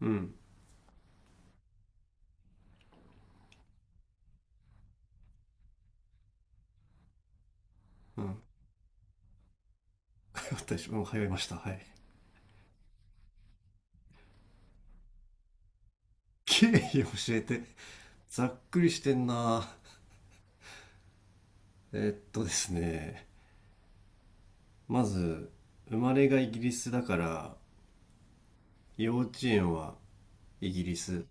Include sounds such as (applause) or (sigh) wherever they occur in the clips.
うん。うん。私も通いました。はい。経緯教えて。ざっくりしてんな。えっとですね。まず、生まれがイギリスだから、幼稚園はイギリス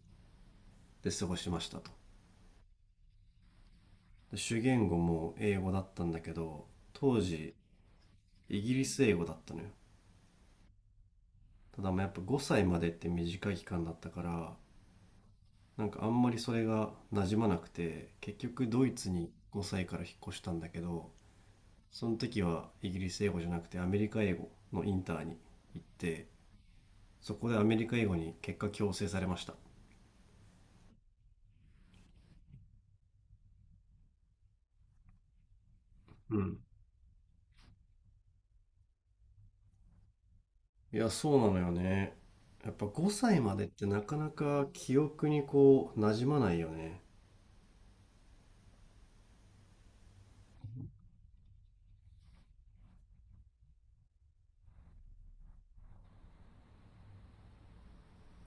で過ごしましたと。で主言語も英語だったんだけど、当時、イギリス英語だったのよ。ただまあやっぱ5歳までって短い期間だったから、なんかあんまりそれが馴染まなくて、結局ドイツに5歳から引っ越したんだけど、その時はイギリス英語じゃなくてアメリカ英語のインターに行って、そこでアメリカ英語に結果強制されました。うん、いやそうなのよね。やっぱ5歳までってなかなか記憶にこう馴染まないよね。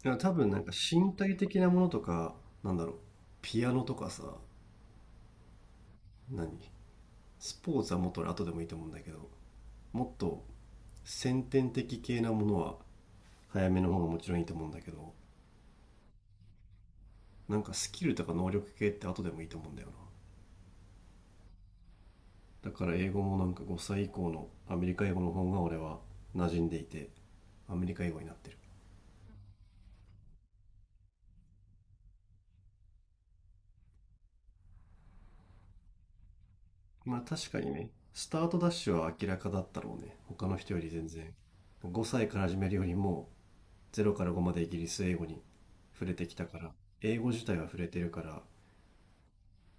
いや多分なんか身体的なものとか、なんだろう、ピアノとかさ、何スポーツはもっと俺後でもいいと思うんだけど、もっと先天的系なものは早めの方がもちろんいいと思うんだけど、なんかスキルとか能力系って後でもいいと思うんだよな。だから英語もなんか5歳以降のアメリカ英語の方が俺は馴染んでいて、アメリカ英語になってる。まあ確かにね、スタートダッシュは明らかだったろうね、他の人より全然。5歳から始めるよりも0から5までイギリス英語に触れてきたから、英語自体は触れてるから、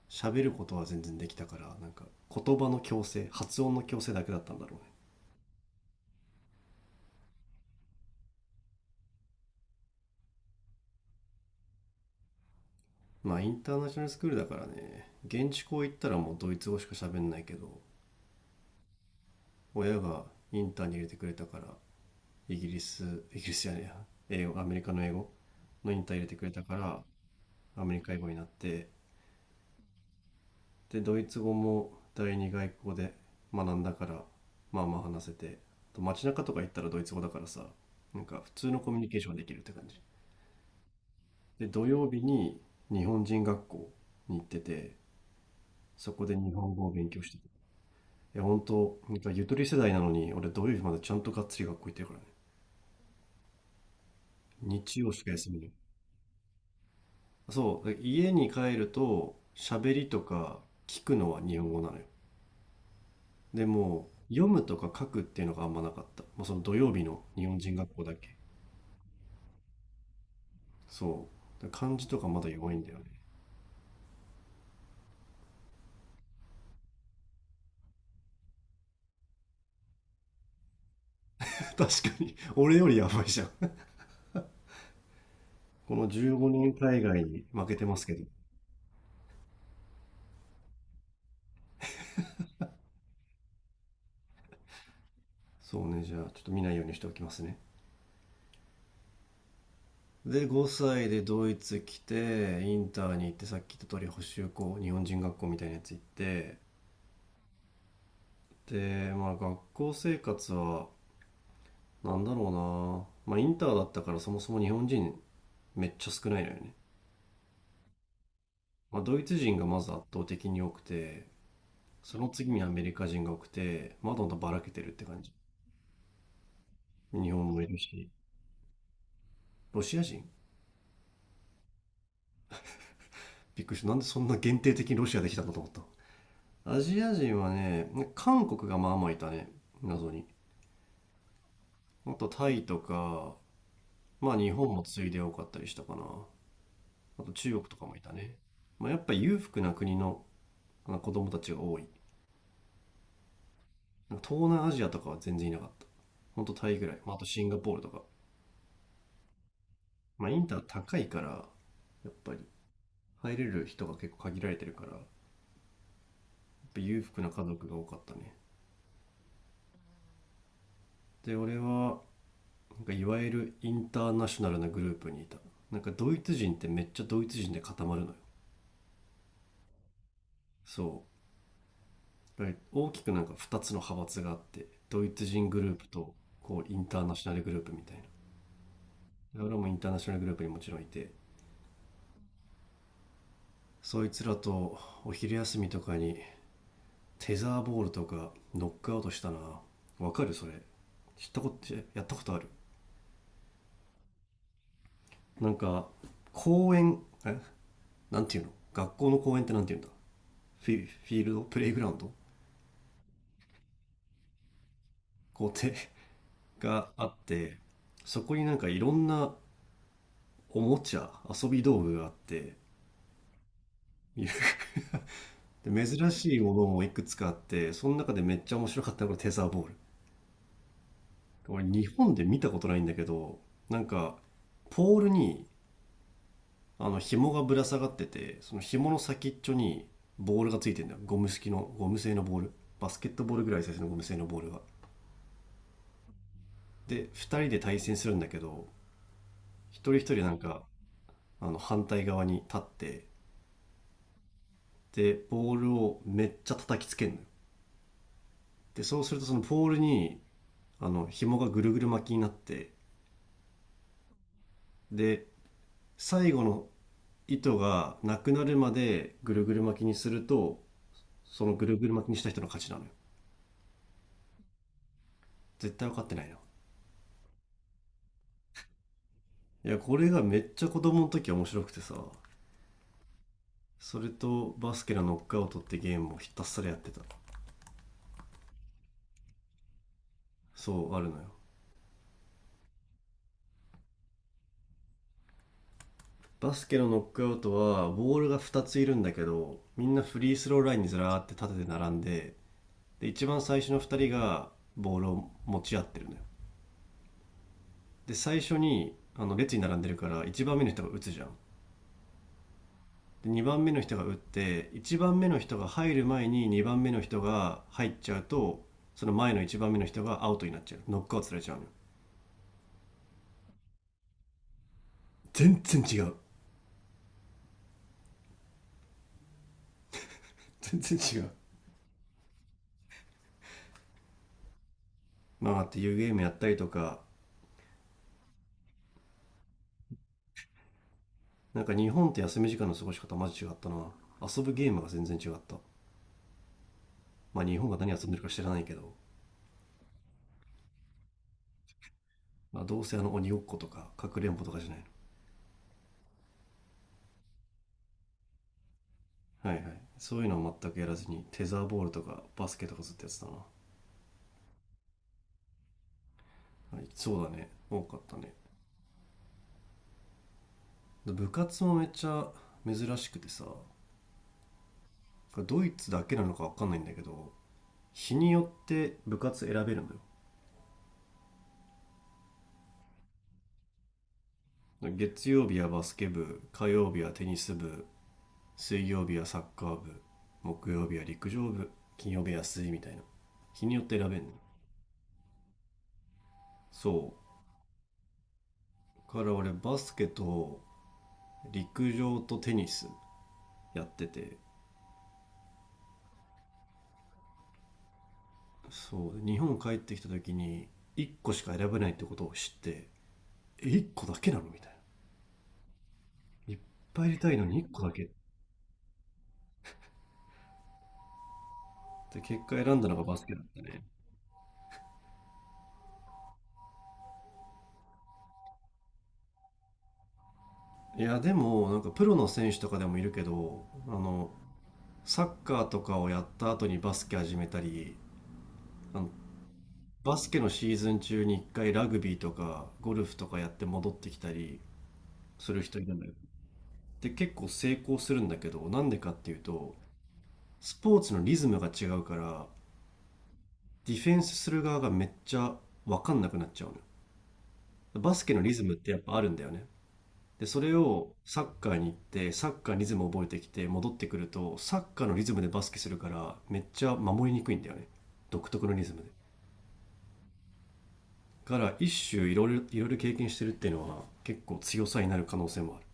喋ることは全然できたから、なんか言葉の矯正発音の矯正だけだったんだろうね。まあインターナショナルスクールだからね、現地校行ったらもうドイツ語しか喋んないけど、親がインターに入れてくれたから、イギリスイギリスじゃねえや英語アメリカの英語のインター入れてくれたから、アメリカ英語になって、でドイツ語も第二外国語で学んだから、まあまあ話せて、あと街中とか行ったらドイツ語だからさ、なんか普通のコミュニケーションができるって感じ。で土曜日に日本人学校に行ってて、そこで日本語を勉強してた。や本当なんかゆとり世代なのに俺土曜日までちゃんとがっつり学校行ってるからね。日曜しか休みない。そう、家に帰ると喋りとか聞くのは日本語なのよ。でもう読むとか書くっていうのがあんまなかった、まあ、その土曜日の日本人学校だけ。そうだから漢字とかまだ弱いんだよね。 (laughs) 確かに俺よりやばいじゃん。 (laughs) この15年海外に負けてますけど。そうね、じゃあちょっと見ないようにしておきますね。で5歳でドイツ来てインターに行って、さっき言った通り補習校日本人学校みたいなやつ行って、でまあ学校生活は、なんだろうな、まあインターだったからそもそも日本人めっちゃ少ないのよね。まあドイツ人がまず圧倒的に多くて、その次にアメリカ人が多くて、まだまだばらけてるって感じ。日本もいるし、ロシア人びっくりした。なんでそんな限定的にロシアできたんだと思った。アジア人はね、韓国がまあまあいたね。謎に。あとタイとか、まあ日本も次いで多かったりしたかな。あと中国とかもいたね。まあやっぱ裕福な国の、あの子供たちが多い。まあ東南アジアとかは全然いなかった。ほんとタイぐらい。まあ、あとシンガポールとか。まあ、インター高いから、やっぱり入れる人が結構限られてるから、やっぱ裕福な家族が多かったね。で、俺は、なんかいわゆるインターナショナルなグループにいた。なんかドイツ人ってめっちゃドイツ人で固まるのよ。そう。だから大きくなんか2つの派閥があって、ドイツ人グループと、こう、インターナショナルグループみたいな。で俺もインターナショナルグループにもちろんいて、そいつらとお昼休みとかにテザーボールとかノックアウトしたな。わかるそれ？知ったことやったことある？なんか公園、なんていうの、学校の公園ってなんていうんだ、フィールドプレイグラウンド、校庭があって、そこになんかいろんなおもちゃ遊び道具があって。いや、で珍しいものもいくつかあって、その中でめっちゃ面白かったのがテザーボール。俺日本で見たことないんだけど、なんかポールに、あの紐がぶら下がってて、その紐の先っちょにボールがついてるんだよ。ゴム製のボール、バスケットボールぐらいサイズのゴム製のボールが、で2人で対戦するんだけど、一人一人なんか、あの反対側に立って、でボールをめっちゃ叩きつけるのよ。でそうするとそのボールに、あの紐がぐるぐる巻きになって、で最後の糸がなくなるまでぐるぐる巻きにすると、そのぐるぐる巻きにした人の勝ちなのよ。絶対分かってないな。いやこれがめっちゃ子供の時面白くてさ、それとバスケのノックアウトってゲームをひたすらやってた。そうあるのよ。バスケのノックアウトはボールが2ついるんだけど、みんなフリースローラインにずらーって立てて並んで、で一番最初の2人がボールを持ち合ってるのよ。で最初にあの列に並んでるから1番目の人が打つじゃん。で2番目の人が打って、1番目の人が入る前に2番目の人が入っちゃうと、その前の1番目の人がアウトになっちゃう、ノックアウトされちゃうのよ。全然違う、全然違う。なあっていうゲームやったりとか。なんか日本って休み時間の過ごし方マジ違ったな。遊ぶゲームが全然違った。まあ日本が何遊んでるか知らないけど、まあ、どうせあの鬼ごっことかかくれんぼとかじゃないの？はいはい、そういうのは全くやらずにテザーボールとかバスケとかずっとやってたな。はい、そうだね多かったね。部活もめっちゃ珍しくてさ、これドイツだけなのか分かんないんだけど、日によって部活選べるのよ。月曜日はバスケ部、火曜日はテニス部、水曜日はサッカー部、木曜日は陸上部、金曜日は水みたいな、日によって選べんの。そうから俺バスケと陸上とテニスやってて、そう日本帰ってきた時に1個しか選べないってことを知って、え、1個だけなの、みたいな。いっぱい入れたいのに1個だけ、で結果選んだのがバスケだったね。いやでもなんかプロの選手とかでもいるけど、あのサッカーとかをやった後にバスケ始めたり、あのバスケのシーズン中に一回ラグビーとかゴルフとかやって戻ってきたりする人いるんだよ。で、結構成功するんだけど、なんでかっていうと、スポーツのリズムが違うから、ディフェンスする側がめっちゃわかんなくなっちゃうのよ。バスケのリズムってやっぱあるんだよね。で、それをサッカーに行って、サッカーのリズムを覚えてきて戻ってくると、サッカーのリズムでバスケするから、めっちゃ守りにくいんだよね。独特のリズムで。から一種いろいろいろいろ経験してるっていうのは結構強さになる可能性もある。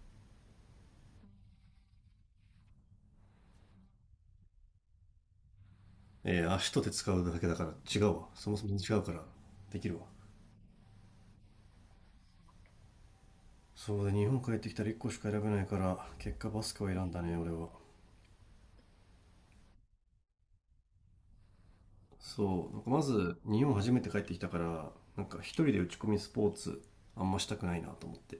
えー、足と手使うだけだから違うわ。そもそも違うからできるわ。そうで日本帰ってきたら1個しか選べないから結果バスケを選んだね俺は。そう。なんかまず日本初めて帰ってきたから、なんか一人で打ち込みスポーツあんましたくないなと思って。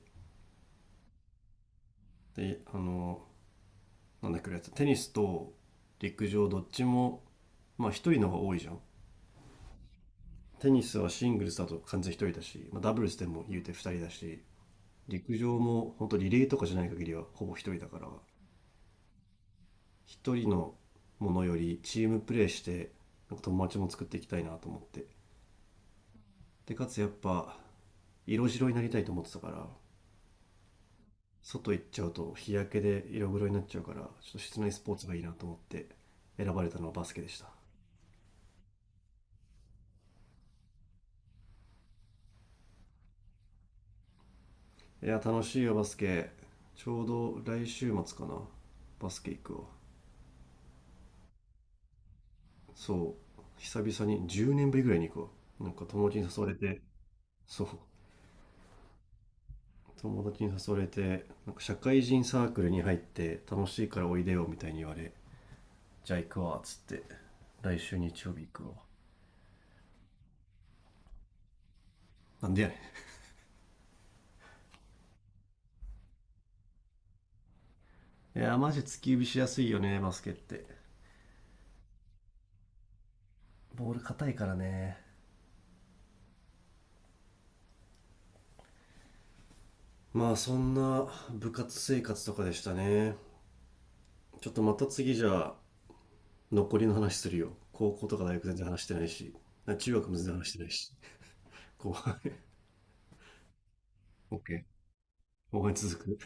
で、あの、なんだっけ、やつ、テニスと陸上どっちも、まあ一人の方が多いじゃん。テニスはシングルスだと完全一人だし、まあ、ダブルスでも言うて二人だし、陸上も本当リレーとかじゃない限りはほぼ一人だから、一人のものよりチームプレーしてなんか友達も作っていきたいなと思って、でかつやっぱ色白になりたいと思ってたから、外行っちゃうと日焼けで色黒になっちゃうから、ちょっと室内スポーツがいいなと思って、選ばれたのはバスケでした。いや楽しいよバスケ。ちょうど来週末かな、バスケ行くわ。そう久々に10年ぶりぐらいに行くわ。なんか友達に誘われて、そう友達に誘われてなんか社会人サークルに入って楽しいからおいでよみたいに言われ、じゃあ行くわっつって来週日曜日行くわ。なんでやねん。いやマジ突き指しやすいよねバスケって。ボール硬いからね。まあそんな部活生活とかでしたね。ちょっとまた次じゃあ残りの話するよ。高校とか大学全然話してないし、中学も全然話してないし、後半。 OK、 後半続く。